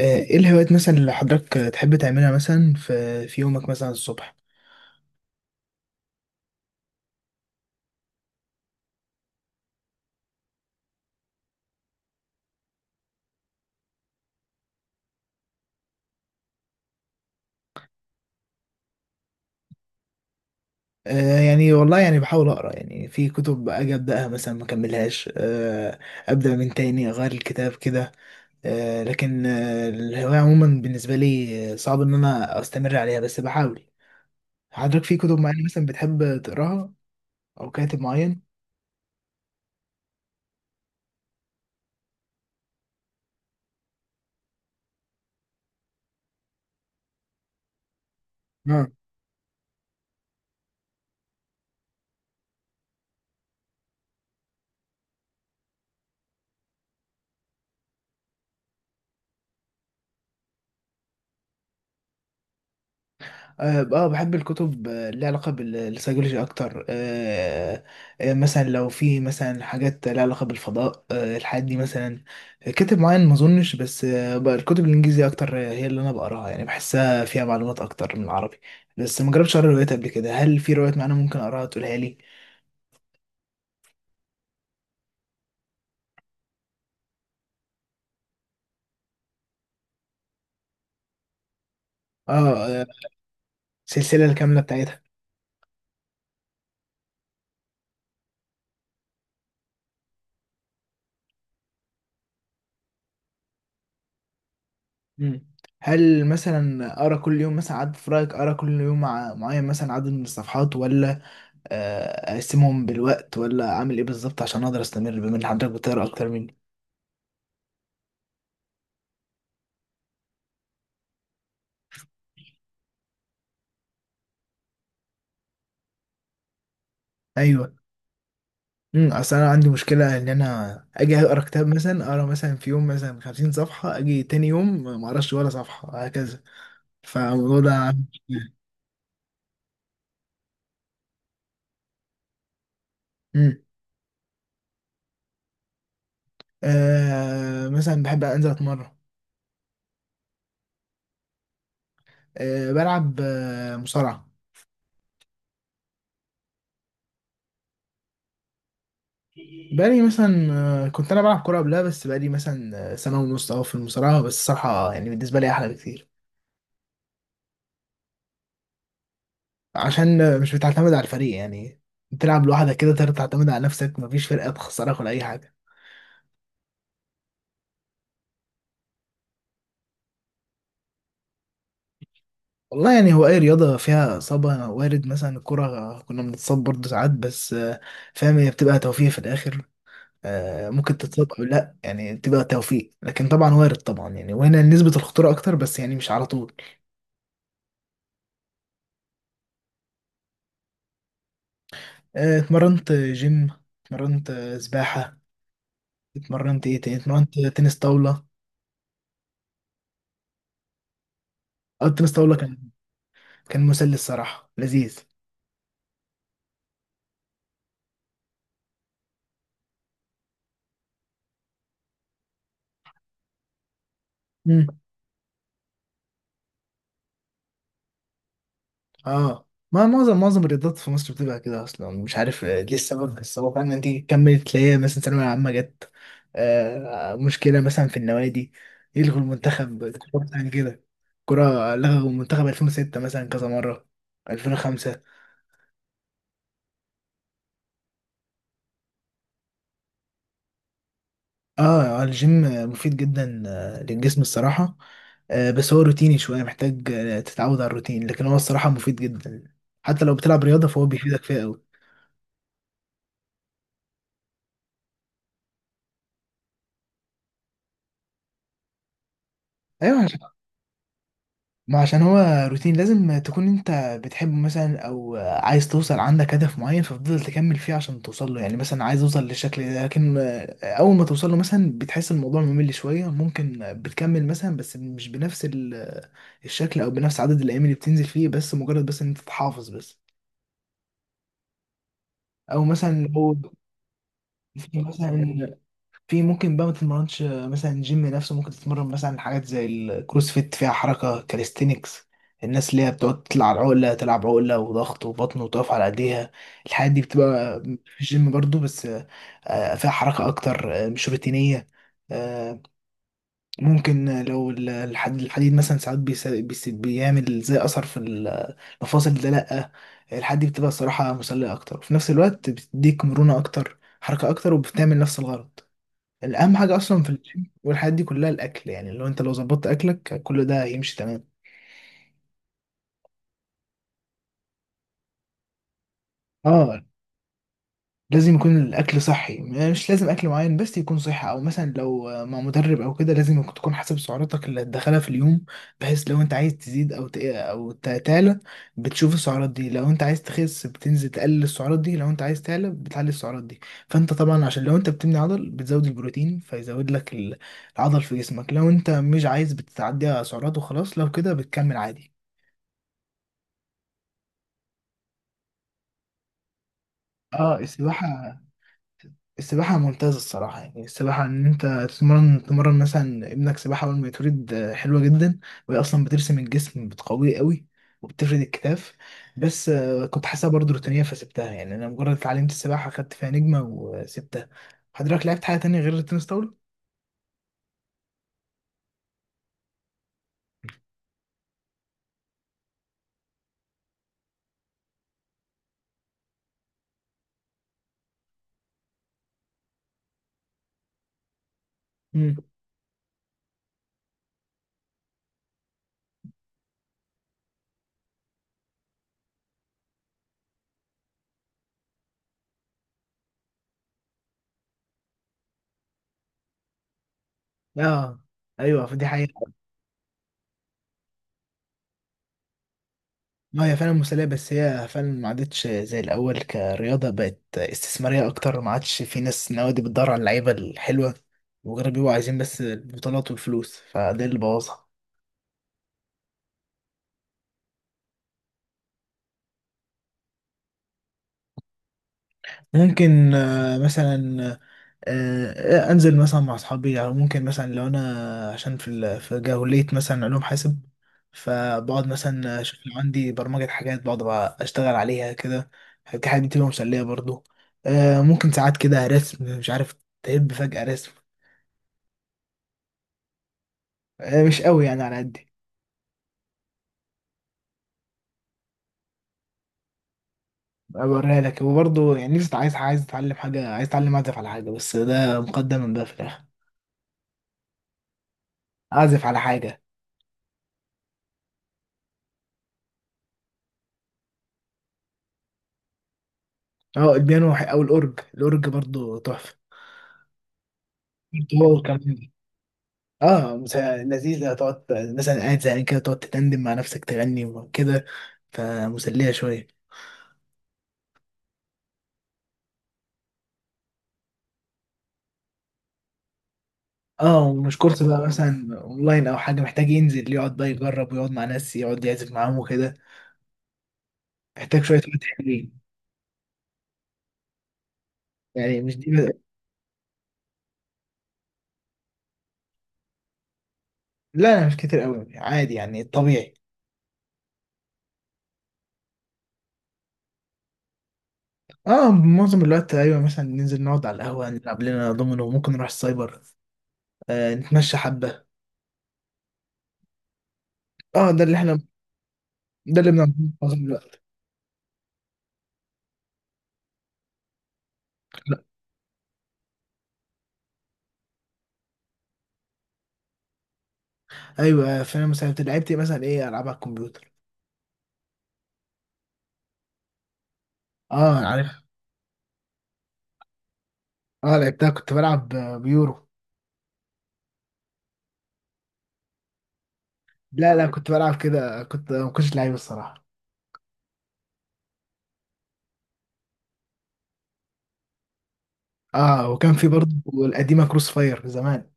ايه الهوايات مثلا اللي حضرتك تحب تعملها مثلا في يومك مثلا الصبح؟ يعني والله يعني بحاول اقرا يعني في كتب اجي ابداها مثلا ما اكملهاش ابدا من تاني اغير الكتاب كده. لكن الهوايه عموما بالنسبه لي صعب ان انا استمر عليها بس بحاول. حضرتك في كتب معينه مثلا بتحب تقراها او كاتب معين؟ اه. بحب الكتب اللي علاقة بالسيكولوجي اكتر. آه، مثلا لو في مثلا حاجات لها علاقة بالفضاء الحاجات دي مثلا. كاتب معين ما اظنش، بس بقى الكتب الانجليزية اكتر هي اللي انا بقراها، يعني بحسها فيها معلومات اكتر من العربي. بس ما جربتش اقرا روايات قبل كده. هل في روايات معينة ممكن اقراها تقولها لي؟ اه. آه، السلسلة الكاملة بتاعتها. مم. هل مثلا اقرا كل يوم مثلا عدد، في رايك اقرا كل يوم مع معين مثلا عدد من الصفحات، ولا اقسمهم بالوقت، ولا اعمل ايه بالظبط عشان اقدر استمر بما ان حضرتك بتقرا اكتر مني؟ ايوه. اصل انا عندي مشكله ان انا اجي اقرا كتاب مثلا اقرا مثلا في يوم مثلا 50 صفحه، اجي تاني يوم ما اقراش ولا صفحه، هكذا فالموضوع ده عامل مشكلة. امم مثلا بحب انزل اتمرن. بلعب مصارعه. بقالي مثلا كنت انا بلعب كوره قبلها، بس بقالي مثلا سنه ونص اهو في المصارعه، بس الصراحه يعني بالنسبه لي احلى بكتير. عشان مش بتعتمد على الفريق يعني، بتلعب لوحدك كده تقدر تعتمد على نفسك، مفيش فرقة تخسرك ولا أي حاجة. والله يعني هو أي رياضة فيها إصابة وارد، مثلا الكرة كنا بنتصاب برضه ساعات، بس فاهم هي بتبقى توفيق في الآخر. ممكن تتصاب أو لأ، يعني بتبقى توفيق، لكن طبعا وارد طبعا يعني، وهنا نسبة الخطورة أكتر بس يعني مش على طول. اتمرنت جيم، اتمرنت سباحة، اتمرنت إيه تاني، اتمرنت تنس طاولة. أو التنس طاولة كان مسلي الصراحة، لذيذ. اه. ما معظم الرياضات في مصر بتبقى كده اصلا، مش عارف ليه السبب، بس هو فعلا انت كملت تلاقيها مثلا ثانويه عامه جت. مشكله مثلا في النوادي، يلغوا المنتخب الكوره مثلا كده. الكوره لغوا المنتخب 2006 مثلا كذا مره، 2005. اه. الجيم مفيد جدا للجسم الصراحه. بس هو روتيني شويه، محتاج تتعود على الروتين، لكن هو الصراحه مفيد جدا. حتى لو بتلعب رياضه فهو بيفيدك فيها قوي. ايوه. ما عشان هو روتين لازم تكون انت بتحبه مثلا، او عايز توصل عندك هدف معين فتفضل تكمل فيه عشان توصل له، يعني مثلا عايز اوصل للشكل ده. لكن اول ما توصل له مثلا بتحس الموضوع ممل شوية، ممكن بتكمل مثلا بس مش بنفس الشكل او بنفس عدد الايام اللي بتنزل فيه، بس مجرد بس ان انت تحافظ بس. او مثلا لو في مثلا في، ممكن بقى ما تتمرنش مثلا جيم نفسه، ممكن تتمرن مثلا حاجات زي الكروس فيت فيها حركة كاليستينكس. الناس اللي هي بتقعد تطلع عقلة تلعب عقلة وضغط وبطن وتقف على ايديها، الحاجات دي بتبقى في الجيم برضو، بس فيها حركة اكتر مش روتينية. آه، ممكن لو الحديد مثلا ساعات بيعمل زي اثر في المفاصل ده، لا الحاجات دي بتبقى الصراحة مسلية اكتر، وفي نفس الوقت بتديك مرونة اكتر حركة اكتر وبتعمل نفس الغرض. الأهم حاجة أصلا في الجيم والحاجات دي كلها الأكل، يعني لو ظبطت أكلك كل ده هيمشي تمام. اه. لازم يكون الأكل صحي، مش لازم أكل معين بس يكون صحي، أو مثلا لو مع مدرب أو كده لازم تكون حاسب سعراتك اللي هتدخلها في اليوم، بحيث لو أنت عايز تزيد أو تعلى بتشوف السعرات دي، لو أنت عايز تخس بتنزل تقلل السعرات دي، لو أنت عايز تعلى بتعلي السعرات دي. فأنت طبعا عشان لو أنت بتبني عضل بتزود البروتين فيزود لك العضل في جسمك، لو أنت مش عايز بتعدي على سعرات وخلاص، لو كده بتكمل عادي. اه. السباحة ممتازة الصراحة، يعني السباحة إن أنت تمرن مثلا ابنك سباحة أول ما يتولد حلوة جدا. وهي أصلا بترسم الجسم بتقويه قوي وبتفرد الكتاف. بس كنت حاسسها برضه روتينية فسبتها، يعني أنا مجرد اتعلمت السباحة خدت فيها نجمة وسبتها. حضرتك لعبت حاجة تانية غير التنس طاولة؟ امم. اه أيوه، فدي حقيقة. ما هي فعلا مسلية، بس هي فعلا ما عادتش زي الأول، كرياضة بقت استثمارية أكتر، ما عادش في ناس نوادي بتدور على اللعيبة الحلوة، مجرد بيبقوا عايزين بس البطولات والفلوس، فده اللي بوظها. ممكن مثلا أنزل مثلا مع أصحابي، أو ممكن مثلا لو أنا عشان في في جاهلية مثلا علوم حاسب، فبقعد مثلا أشوف لو عندي برمجة حاجات بقعد بقى أشتغل عليها كده. دي حاجة بتبقى مسلية برضو. ممكن ساعات كده رسم، مش عارف، تهب فجأة رسم. مش قوي يعني، على قدي. بوريها لك، وبرضه يعني نفسي عايز اتعلم حاجه، عايز اتعلم اعزف على حاجه، بس ده مقدم من ده في الاخر. اعزف على حاجه. اه. البيانو او الاورج برضه تحفه. هو كمان. اه لذيذ، هتقعد مثلا قاعد زهقان كده تقعد تتندم مع نفسك تغني وكده، فمسليه شويه. اه. ومش كورس بقى مثلا اونلاين او حاجه، محتاج ينزل يقعد بقى يجرب ويقعد مع ناس يقعد يعزف معاهم وكده، محتاج شويه وقت حلوين. يعني مش دي، لا. لا، مش كتير قوي، عادي يعني طبيعي. اه. معظم الوقت ايوه، مثلا ننزل نقعد على القهوه نلعب لنا دومينو، ممكن نروح السايبر، نتمشى حبه. اه. ده اللي احنا، ده اللي بنعمله معظم الوقت. لا ايوه. فانا مثلا، أنت لعبت إيه مثلا، ايه العاب على الكمبيوتر؟ اه، عارف. اه. لعبتها كنت بلعب بيورو. لا، لا، كنت بلعب كده، كنت ما كنتش لعيب الصراحه. اه. وكان في برضه القديمه كروس فاير زمان.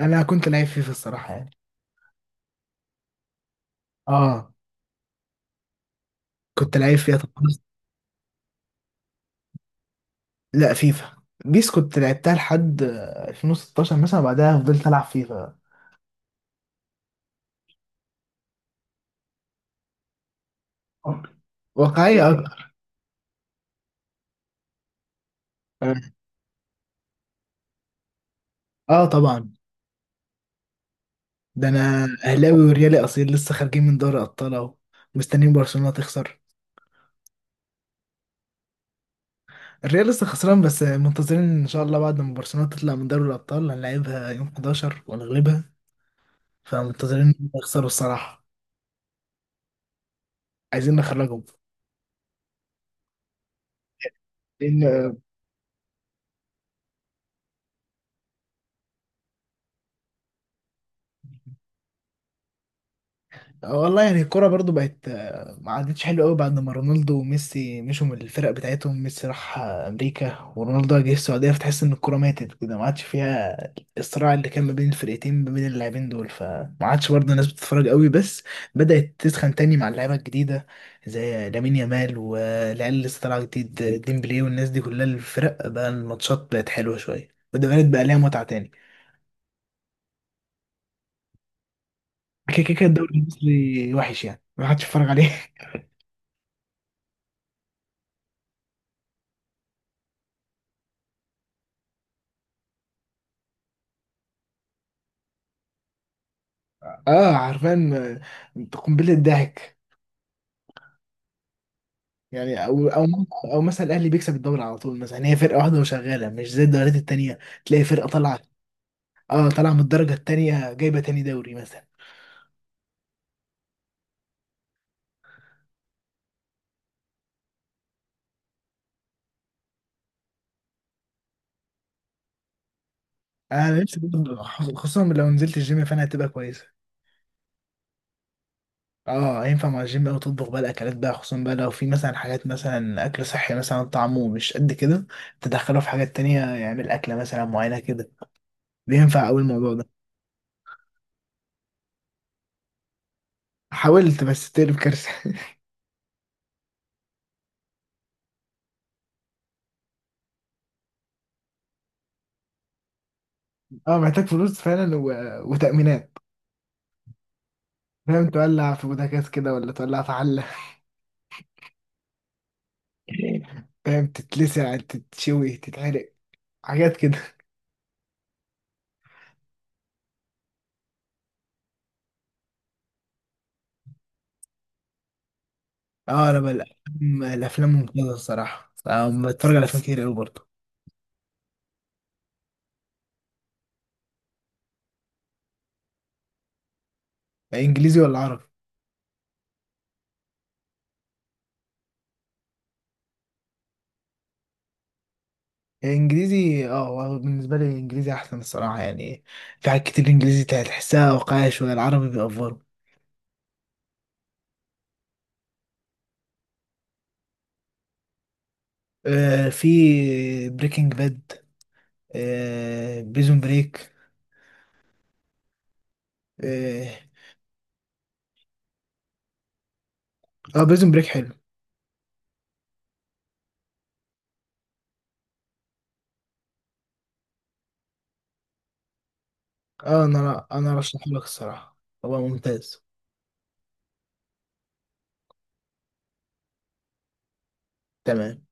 انا كنت لعيب فيفا الصراحه يعني. اه كنت لعيب فيها، طب خلاص. لا، فيفا. بيس كنت لعبتها لحد 2016 مثلا، بعدها فضلت العب فيفا. واقعية أكتر. اه طبعا. ده انا اهلاوي وريالي اصيل، لسه خارجين من دوري ابطال اهو، مستنيين برشلونة تخسر. الريال لسه خسران، بس منتظرين ان شاء الله بعد ما برشلونة تطلع من دوري الابطال هنلعبها يوم 11 ونغلبها، فمنتظرين إن هم يخسروا الصراحة، عايزين نخرجهم. لان والله يعني الكرة برضو بقت ما عادتش حلوة قوي بعد ما رونالدو وميسي مشوا من الفرق بتاعتهم، ميسي راح أمريكا، ورونالدو جه السعودية، فتحس إن الكرة ماتت كده، ما عادش فيها الصراع اللي كان ما بين الفرقتين ما بين اللاعبين دول، فما عادش برضه الناس بتتفرج قوي، بس بدأت تسخن تاني مع اللعيبة الجديدة، زي لامين يامال والعيال اللي لسه طالعة جديد ديمبلي والناس دي كلها، الفرق بقى الماتشات بقت حلوة شوية، وده بقى لها متعة تاني. كده كده الدوري المصري وحش، يعني ما حدش يتفرج عليه. اه، عارفان. قنبله ضحك، يعني او مثلا الاهلي بيكسب الدوري على طول مثلا، يعني هي فرقه واحده وشغاله، مش زي الدوريات التانيه تلاقي فرقه طالعه. اه، طالعه من الدرجه التانيه جايبه تاني دوري مثلا. انا نفسي برضه، خصوصا لو نزلت الجيم فانا هتبقى كويسه. اه. هينفع مع الجيم، او تطبخ بقى الاكلات بقى، خصوصا بقى لو في مثلا حاجات مثلا اكل صحي مثلا طعمه مش قد كده تدخله في حاجات تانية يعمل اكله مثلا معينه كده، بينفع قوي الموضوع ده. حاولت بس تقلب كارثه. اه محتاج فلوس فعلا، و... وتأمينات. فاهم، تولع في بوتاجاز كده ولا تولع في حلة. فاهم، تتلسع تتشوي تتعرق، حاجات كده. اه. انا بقى الأفلام ممتازة الصراحة، أنا بتفرج على افلام كتير قوي برضه. انجليزي ولا عربي؟ انجليزي. اه. هو بالنسبة لي انجليزي احسن الصراحة يعني، في حاجات كتير انجليزي تحسها واقعية شوية، العربي بيأفوروا. في بريكنج باد، بريزون بريك. اه. بريزون بريك حلو. اه. انا ارشحه لك الصراحه، هو ممتاز. تمام.